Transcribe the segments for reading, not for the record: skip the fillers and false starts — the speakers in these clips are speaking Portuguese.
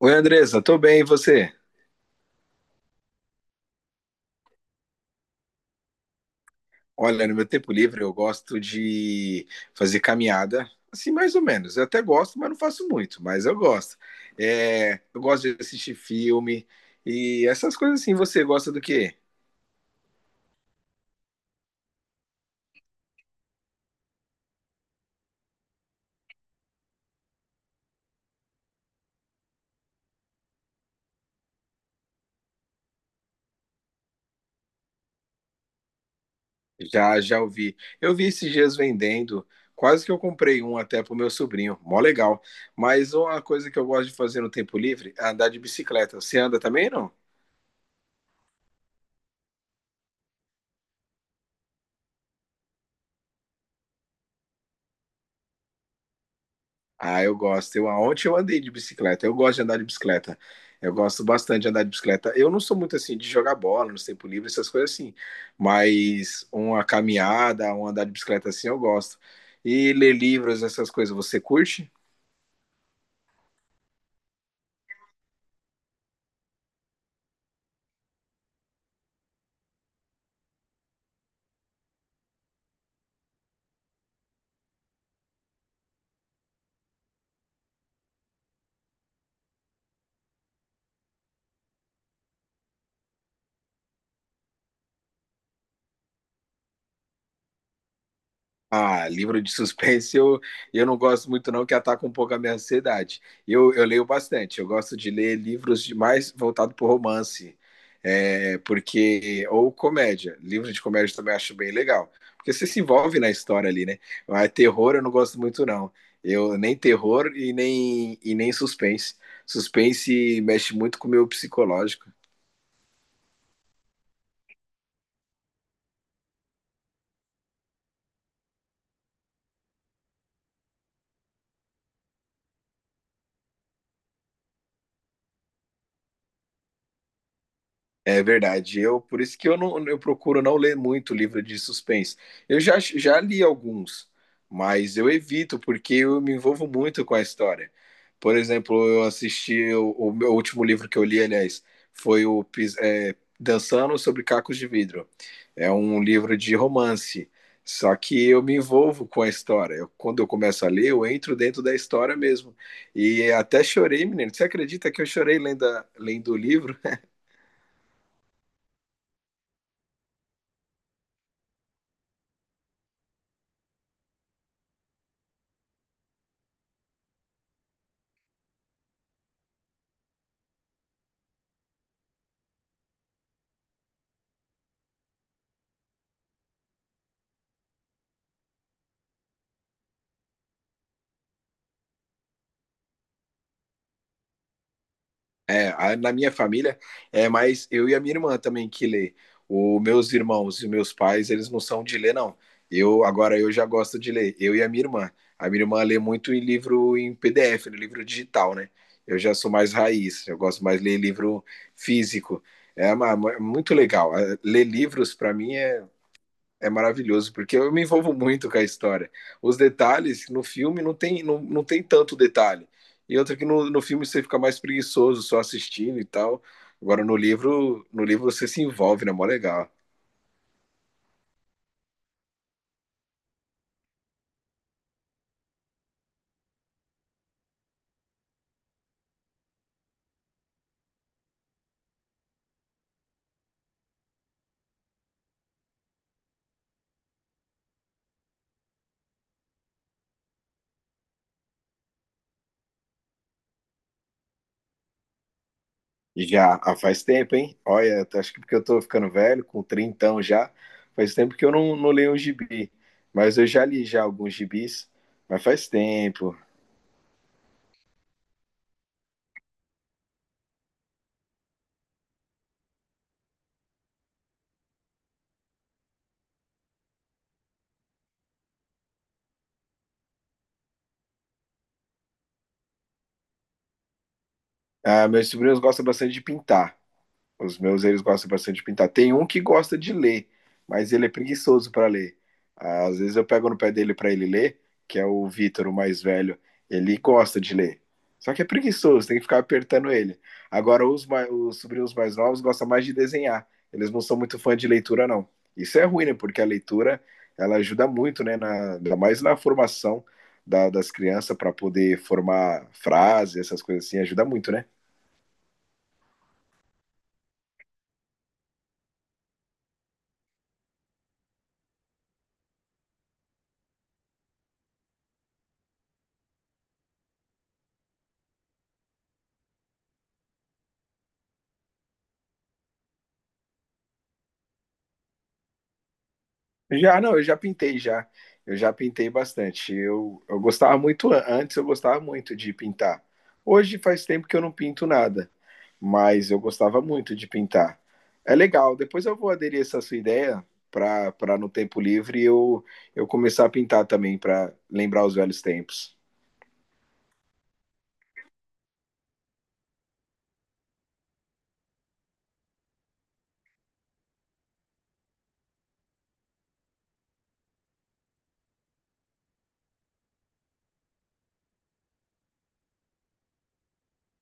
Oi, Andressa, tô bem, e você? Olha, no meu tempo livre eu gosto de fazer caminhada, assim, mais ou menos. Eu até gosto, mas não faço muito, mas eu gosto. É, eu gosto de assistir filme e essas coisas assim. Você gosta do quê? Já, já ouvi. Eu vi esses dias vendendo, quase que eu comprei um até pro meu sobrinho, mó legal. Mas uma coisa que eu gosto de fazer no tempo livre é andar de bicicleta. Você anda também, não? Ah, eu gosto. Eu, ontem eu andei de bicicleta. Eu gosto de andar de bicicleta. Eu gosto bastante de andar de bicicleta. Eu não sou muito assim de jogar bola no tempo livre, essas coisas assim. Mas uma caminhada, um andar de bicicleta assim, eu gosto. E ler livros, essas coisas, você curte? Ah, livro de suspense eu não gosto muito não, que ataca um pouco a minha ansiedade. Eu leio bastante, eu gosto de ler livros de mais voltado para romance, porque ou comédia, livro de comédia também acho bem legal, porque você se envolve na história ali, né? Mas terror eu não gosto muito não, eu nem terror e nem suspense. Suspense mexe muito com o meu psicológico. É verdade. Eu por isso que eu não eu procuro não ler muito livro de suspense. Eu já, já li alguns, mas eu evito porque eu me envolvo muito com a história. Por exemplo, eu assisti o meu último livro que eu li, aliás, foi o Dançando sobre Cacos de Vidro. É um livro de romance. Só que eu me envolvo com a história. Eu- quando eu começo a ler, eu entro dentro da história mesmo. E até chorei, menino. Você acredita que eu chorei lendo, lendo o livro? É, na minha família é mais eu e a minha irmã também que lê. Os meus irmãos e meus pais, eles não são de ler, não. Eu agora eu já gosto de ler, eu e a minha irmã. A minha irmã lê muito em livro em PDF, no livro digital, né? Eu já sou mais raiz, eu gosto mais de ler livro físico. É muito legal. Ler livros para mim é é maravilhoso, porque eu me envolvo muito com a história. Os detalhes no filme não tem, não, não tem tanto detalhe. E outra que no, no filme você fica mais preguiçoso só assistindo e tal. Agora no livro, no livro você se envolve, né? Mó legal. E já faz tempo, hein? Olha, acho que porque eu tô ficando velho, com trintão já, faz tempo que eu não, não leio um gibi. Mas eu já li já alguns gibis, mas faz tempo. Ah, meus sobrinhos gostam bastante de pintar. Os meus, eles gostam bastante de pintar. Tem um que gosta de ler, mas ele é preguiçoso para ler. Às vezes eu pego no pé dele para ele ler, que é o Vitor, o mais velho. Ele gosta de ler. Só que é preguiçoso, tem que ficar apertando ele. Agora, os sobrinhos mais novos gostam mais de desenhar. Eles não são muito fã de leitura, não. Isso é ruim, né? Porque a leitura ela ajuda muito, né? Ainda mais na formação das crianças para poder formar frases essas coisas assim, ajuda muito, né? Já, não, eu já pintei já. Eu já pintei bastante. Eu gostava muito, antes eu gostava muito de pintar. Hoje faz tempo que eu não pinto nada, mas eu gostava muito de pintar. É legal. Depois eu vou aderir essa sua ideia para para no tempo livre eu começar a pintar também, para lembrar os velhos tempos.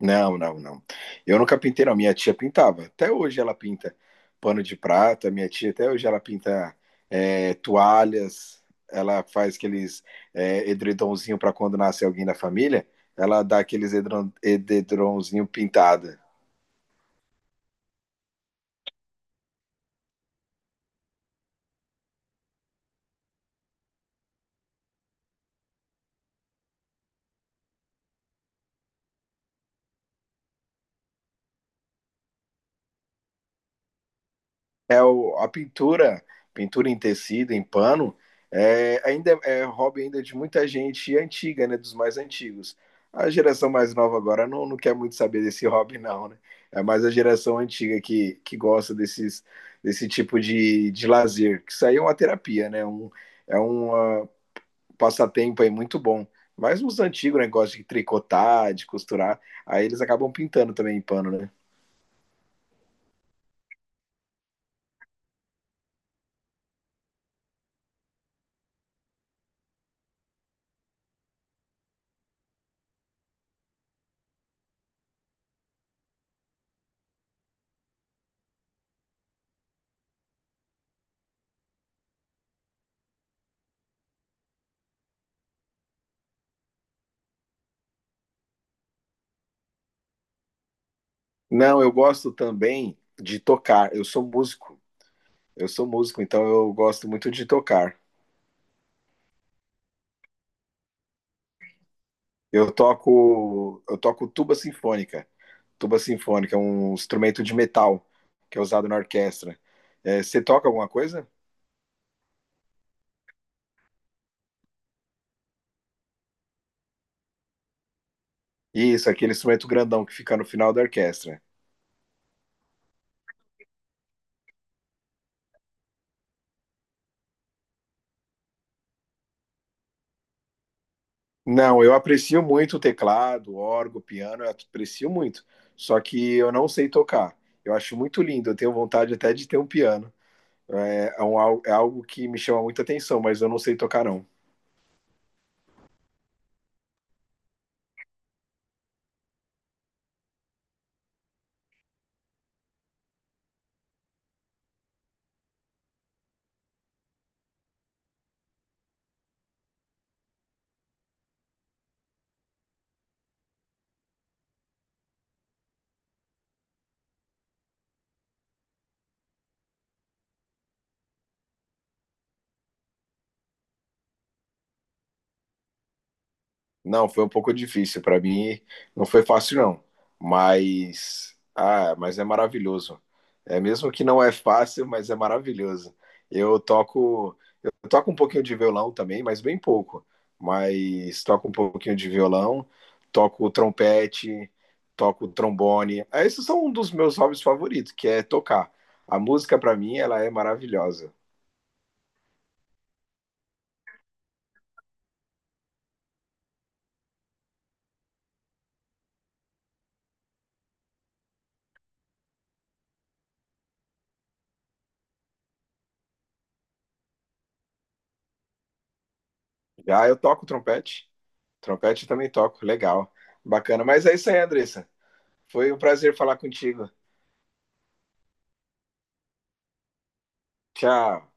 Não, não, não. Eu nunca pintei, não. Minha tia pintava. Até hoje ela pinta pano de prata. Minha tia, até hoje, ela pinta toalhas. Ela faz aqueles edredonzinho para quando nasce alguém na família. Ela dá aqueles edredonzinho pintada. É a pintura, pintura em tecido, em pano, ainda é hobby ainda de muita gente antiga, né? Dos mais antigos. A geração mais nova agora não, não quer muito saber desse hobby, não, né? É mais a geração antiga que gosta desses, desse tipo de lazer. Que isso aí é uma terapia, né? É um passatempo aí muito bom. Mas os antigos, né? Gostam de tricotar, de costurar. Aí eles acabam pintando também em pano, né? Não, eu gosto também de tocar. Eu sou músico. Eu sou músico, então eu gosto muito de tocar. Eu toco tuba sinfônica. Tuba sinfônica é um instrumento de metal que é usado na orquestra. É, você toca alguma coisa? Isso, aquele instrumento grandão que fica no final da orquestra. Não, eu aprecio muito o teclado, o órgão, o piano, eu aprecio muito. Só que eu não sei tocar. Eu acho muito lindo, eu tenho vontade até de ter um piano. É, é um é algo que me chama muita atenção, mas eu não sei tocar, não. Não, foi um pouco difícil para mim, não foi fácil não, mas mas é maravilhoso. É mesmo que não é fácil, mas é maravilhoso. Eu toco, eu toco um pouquinho de violão também, mas bem pouco. Mas toco um pouquinho de violão, toco trompete, toco trombone. Esses são um dos meus hobbies favoritos, que é tocar. A música para mim, ela é maravilhosa. Já eu toco trompete, trompete eu também toco, legal, bacana. Mas é isso aí, Andressa. Foi um prazer falar contigo. Tchau.